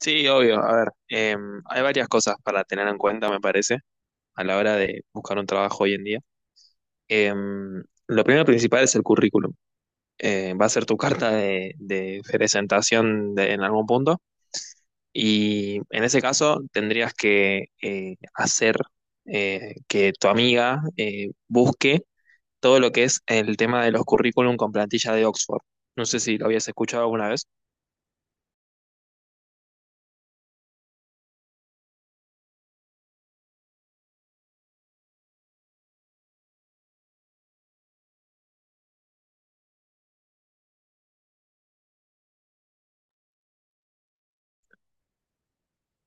Sí, obvio. A ver, hay varias cosas para tener en cuenta, me parece, a la hora de buscar un trabajo hoy en día. Lo primero principal es el currículum. Va a ser tu carta de presentación en algún punto y en ese caso tendrías que hacer que tu amiga busque todo lo que es el tema de los currículum con plantilla de Oxford. No sé si lo habías escuchado alguna vez.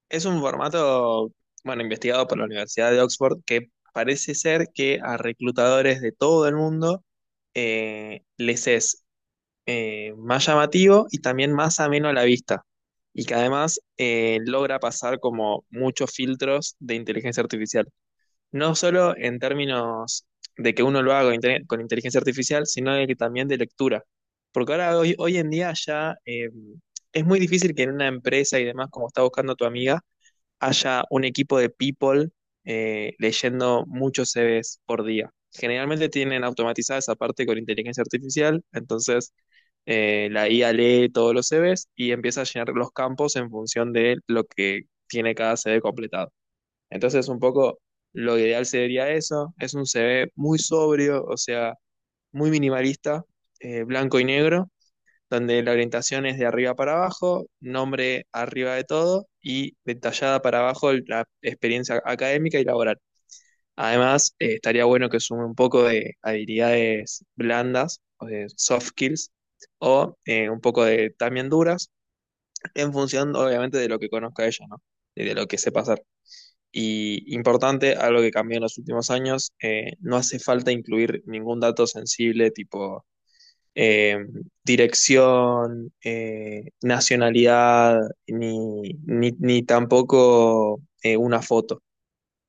Es un formato, bueno, investigado por la Universidad de Oxford que parece ser que a reclutadores de todo el mundo les es más llamativo y también más ameno a la vista. Y que además logra pasar como muchos filtros de inteligencia artificial. No solo en términos de que uno lo haga con con inteligencia artificial, sino de que también de lectura. Porque ahora hoy en día ya es muy difícil que en una empresa y demás, como está buscando tu amiga, haya un equipo de people leyendo muchos CVs por día. Generalmente tienen automatizada esa parte con inteligencia artificial, entonces la IA lee todos los CVs y empieza a llenar los campos en función de lo que tiene cada CV completado. Entonces, un poco lo ideal sería eso, es un CV muy sobrio, o sea, muy minimalista, blanco y negro donde la orientación es de arriba para abajo, nombre arriba de todo y detallada para abajo la experiencia académica y laboral. Además, estaría bueno que sume un poco de habilidades blandas, o de soft skills, o un poco de también duras, en función obviamente de lo que conozca ella, ¿no? Y de lo que sepa hacer. Y importante, algo que cambió en los últimos años, no hace falta incluir ningún dato sensible tipo eh, dirección, nacionalidad, ni tampoco una foto.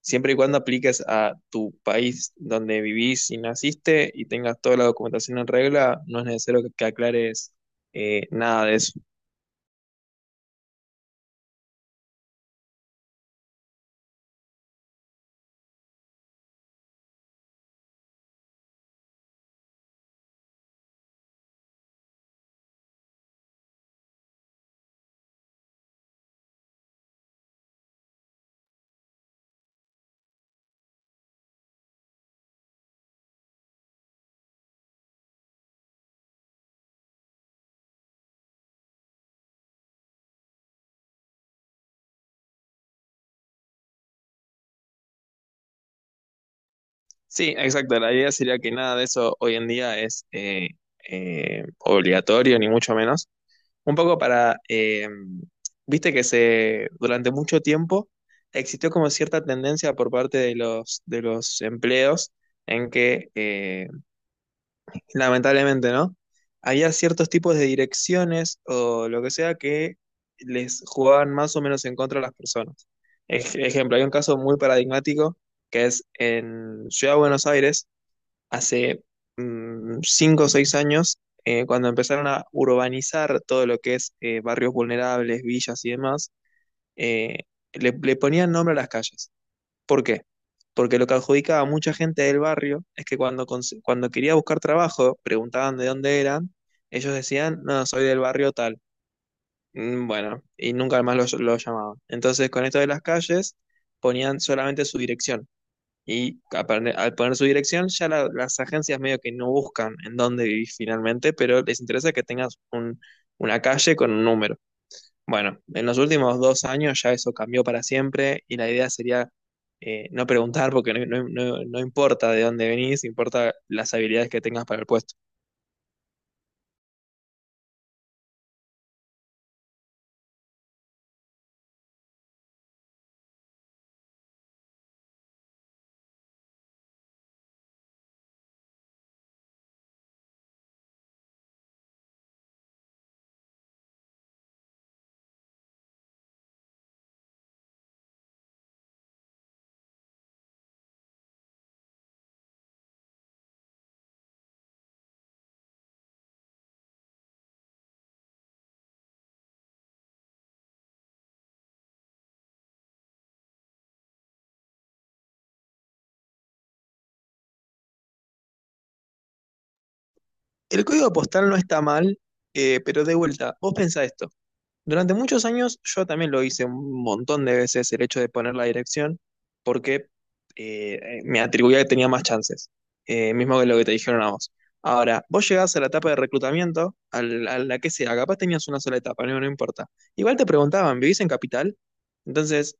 Siempre y cuando apliques a tu país donde vivís y naciste y tengas toda la documentación en regla, no es necesario que aclares nada de eso. Sí, exacto. La idea sería que nada de eso hoy en día es obligatorio, ni mucho menos. Un poco para, viste que se, durante mucho tiempo existió como cierta tendencia por parte de de los empleos en que, lamentablemente, ¿no? Había ciertos tipos de direcciones o lo que sea que les jugaban más o menos en contra a las personas. Ejemplo, hay un caso muy paradigmático que es en Ciudad de Buenos Aires, hace cinco o seis años, cuando empezaron a urbanizar todo lo que es barrios vulnerables, villas y demás, eh, le ponían nombre a las calles. ¿Por qué? Porque lo que adjudicaba a mucha gente del barrio es que cuando, cuando quería buscar trabajo, preguntaban de dónde eran, ellos decían, no, soy del barrio tal. Bueno, y nunca más lo llamaban. Entonces, con esto de las calles, ponían solamente su dirección. Y a al poner su dirección, ya las agencias medio que no buscan en dónde vivís finalmente, pero les interesa que tengas una calle con un número. Bueno, en los últimos dos años ya eso cambió para siempre y la idea sería no preguntar porque no importa de dónde venís, importa las habilidades que tengas para el puesto. El código postal no está mal, pero de vuelta, vos pensá esto. Durante muchos años yo también lo hice un montón de veces el hecho de poner la dirección porque me atribuía que tenía más chances, mismo que lo que te dijeron a vos. Ahora, vos llegás a la etapa de reclutamiento, a a la que sea, capaz tenías una sola etapa, no importa. Igual te preguntaban, ¿vivís en capital? Entonces,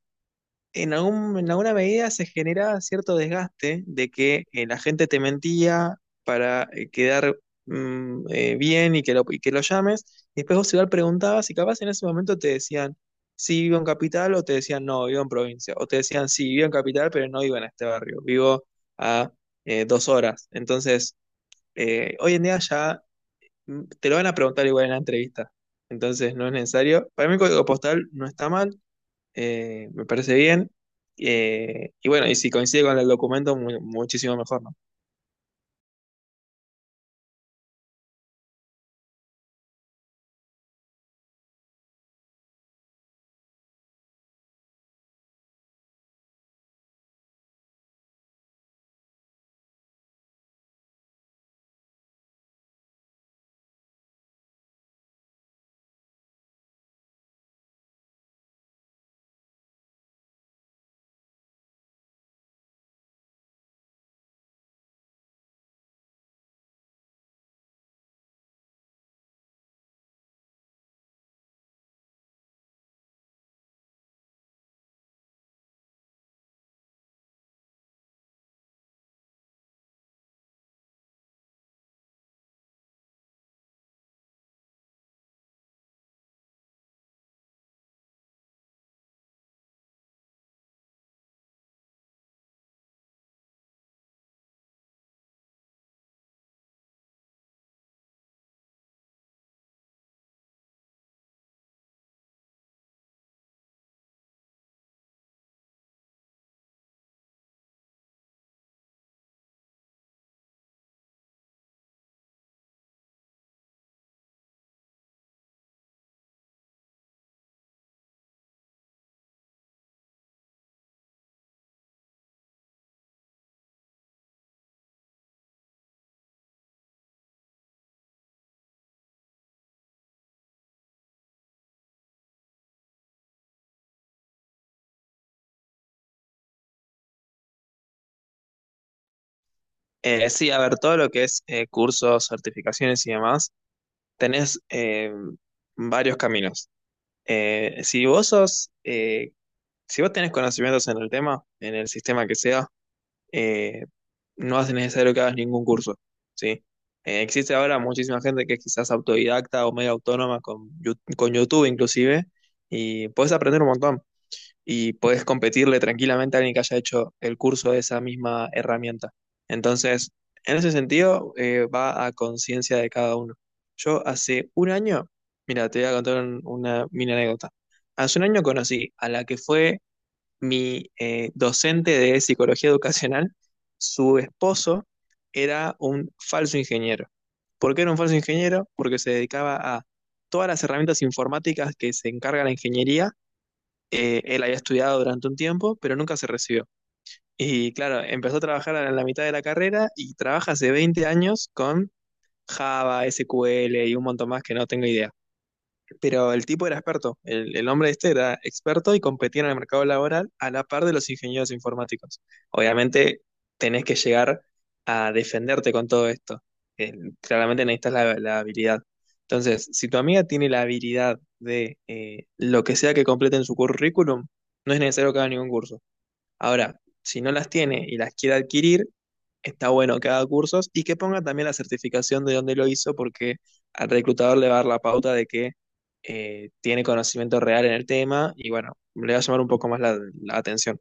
en alguna medida se genera cierto desgaste de que la gente te mentía para quedar bien y y que lo llames. Y después vos igual preguntabas y capaz en ese momento te decían, sí, vivo en capital o te decían, no, vivo en provincia. O te decían, sí, vivo en capital, pero no vivo en este barrio, vivo a dos horas. Entonces, hoy en día ya te lo van a preguntar igual en la entrevista. Entonces, no es necesario. Para mí el código postal no está mal. Me parece bien. Y bueno, y si coincide con el documento, muchísimo mejor, ¿no? Sí, a ver, todo lo que es cursos, certificaciones y demás, tenés varios caminos. Si vos sos, si vos tenés conocimientos en el tema, en el sistema que sea, eh, no hace necesario que hagas ningún curso, ¿sí? Existe ahora muchísima gente que es quizás autodidacta o medio autónoma con, con YouTube inclusive, y podés aprender un montón. Y podés competirle tranquilamente a alguien que haya hecho el curso de esa misma herramienta. Entonces, en ese sentido, va a conciencia de cada uno. Yo hace un año, mira, te voy a contar una mini anécdota. Hace un año conocí a la que fue mi docente de psicología educacional. Su esposo era un falso ingeniero. ¿Por qué era un falso ingeniero? Porque se dedicaba a todas las herramientas informáticas que se encarga la ingeniería, él había estudiado durante un tiempo, pero nunca se recibió. Y claro, empezó a trabajar en la mitad de la carrera y trabaja hace 20 años con Java, SQL y un montón más que no tengo idea. Pero el tipo era experto, el hombre este era experto y competía en el mercado laboral a la par de los ingenieros informáticos. Obviamente tenés que llegar a defenderte con todo esto. Eh, Claramente necesitas la habilidad. Entonces, si tu amiga tiene la habilidad de lo que sea que complete en su currículum, no es necesario que haga ningún curso. Ahora, si no las tiene y las quiere adquirir, está bueno que haga cursos y que ponga también la certificación de dónde lo hizo, porque al reclutador le va a dar la pauta de que tiene conocimiento real en el tema y bueno, le va a llamar un poco más la atención.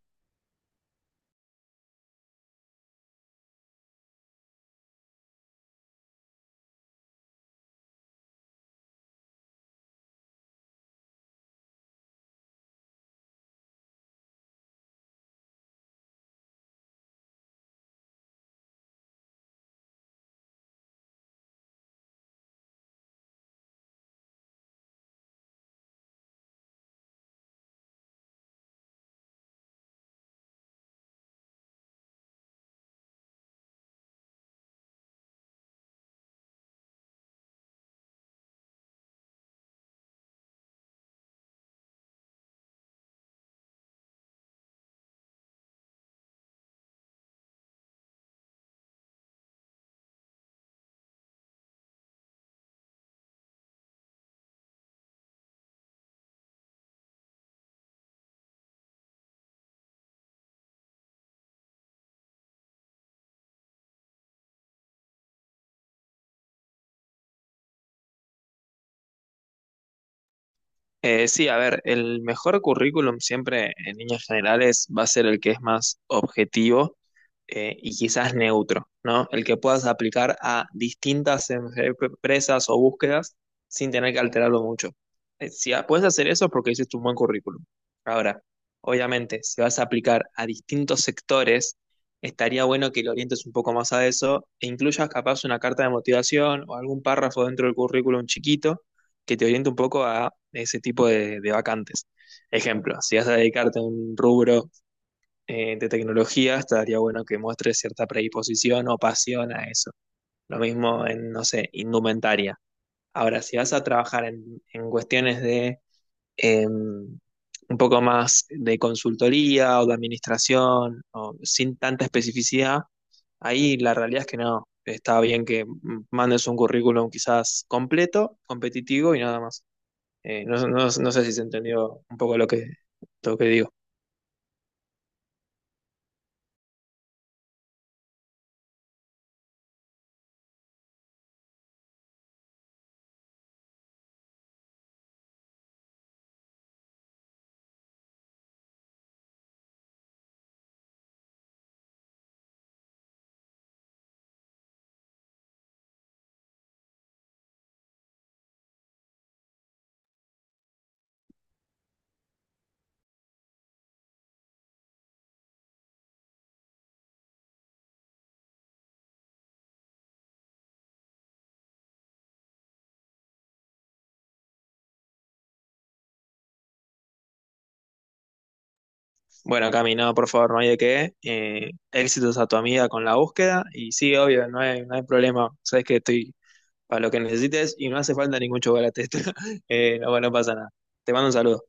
Sí, a ver, el mejor currículum siempre en líneas generales va a ser el que es más objetivo y quizás neutro, ¿no? El que puedas aplicar a distintas empresas o búsquedas sin tener que alterarlo mucho. Si puedes hacer eso es porque hiciste un buen currículum. Ahora, obviamente, si vas a aplicar a distintos sectores, estaría bueno que lo orientes un poco más a eso e incluyas capaz una carta de motivación o algún párrafo dentro del currículum chiquito que te oriente un poco a ese tipo de vacantes. Ejemplo, si vas a dedicarte a un rubro de tecnología, estaría bueno que muestres cierta predisposición o pasión a eso. Lo mismo en, no sé, indumentaria. Ahora, si vas a trabajar en cuestiones de un poco más de consultoría o de administración, o sin tanta especificidad, ahí la realidad es que no. Está bien que mandes un currículum quizás completo, competitivo y nada más. No sé si se entendió un poco lo lo que digo. Bueno, Cami, no, por favor, no hay de qué. Éxitos a tu amiga con la búsqueda. Y sí, obvio, no hay problema. Sabes que estoy para lo que necesites y no hace falta ningún chocolate. No, bueno, no pasa nada. Te mando un saludo.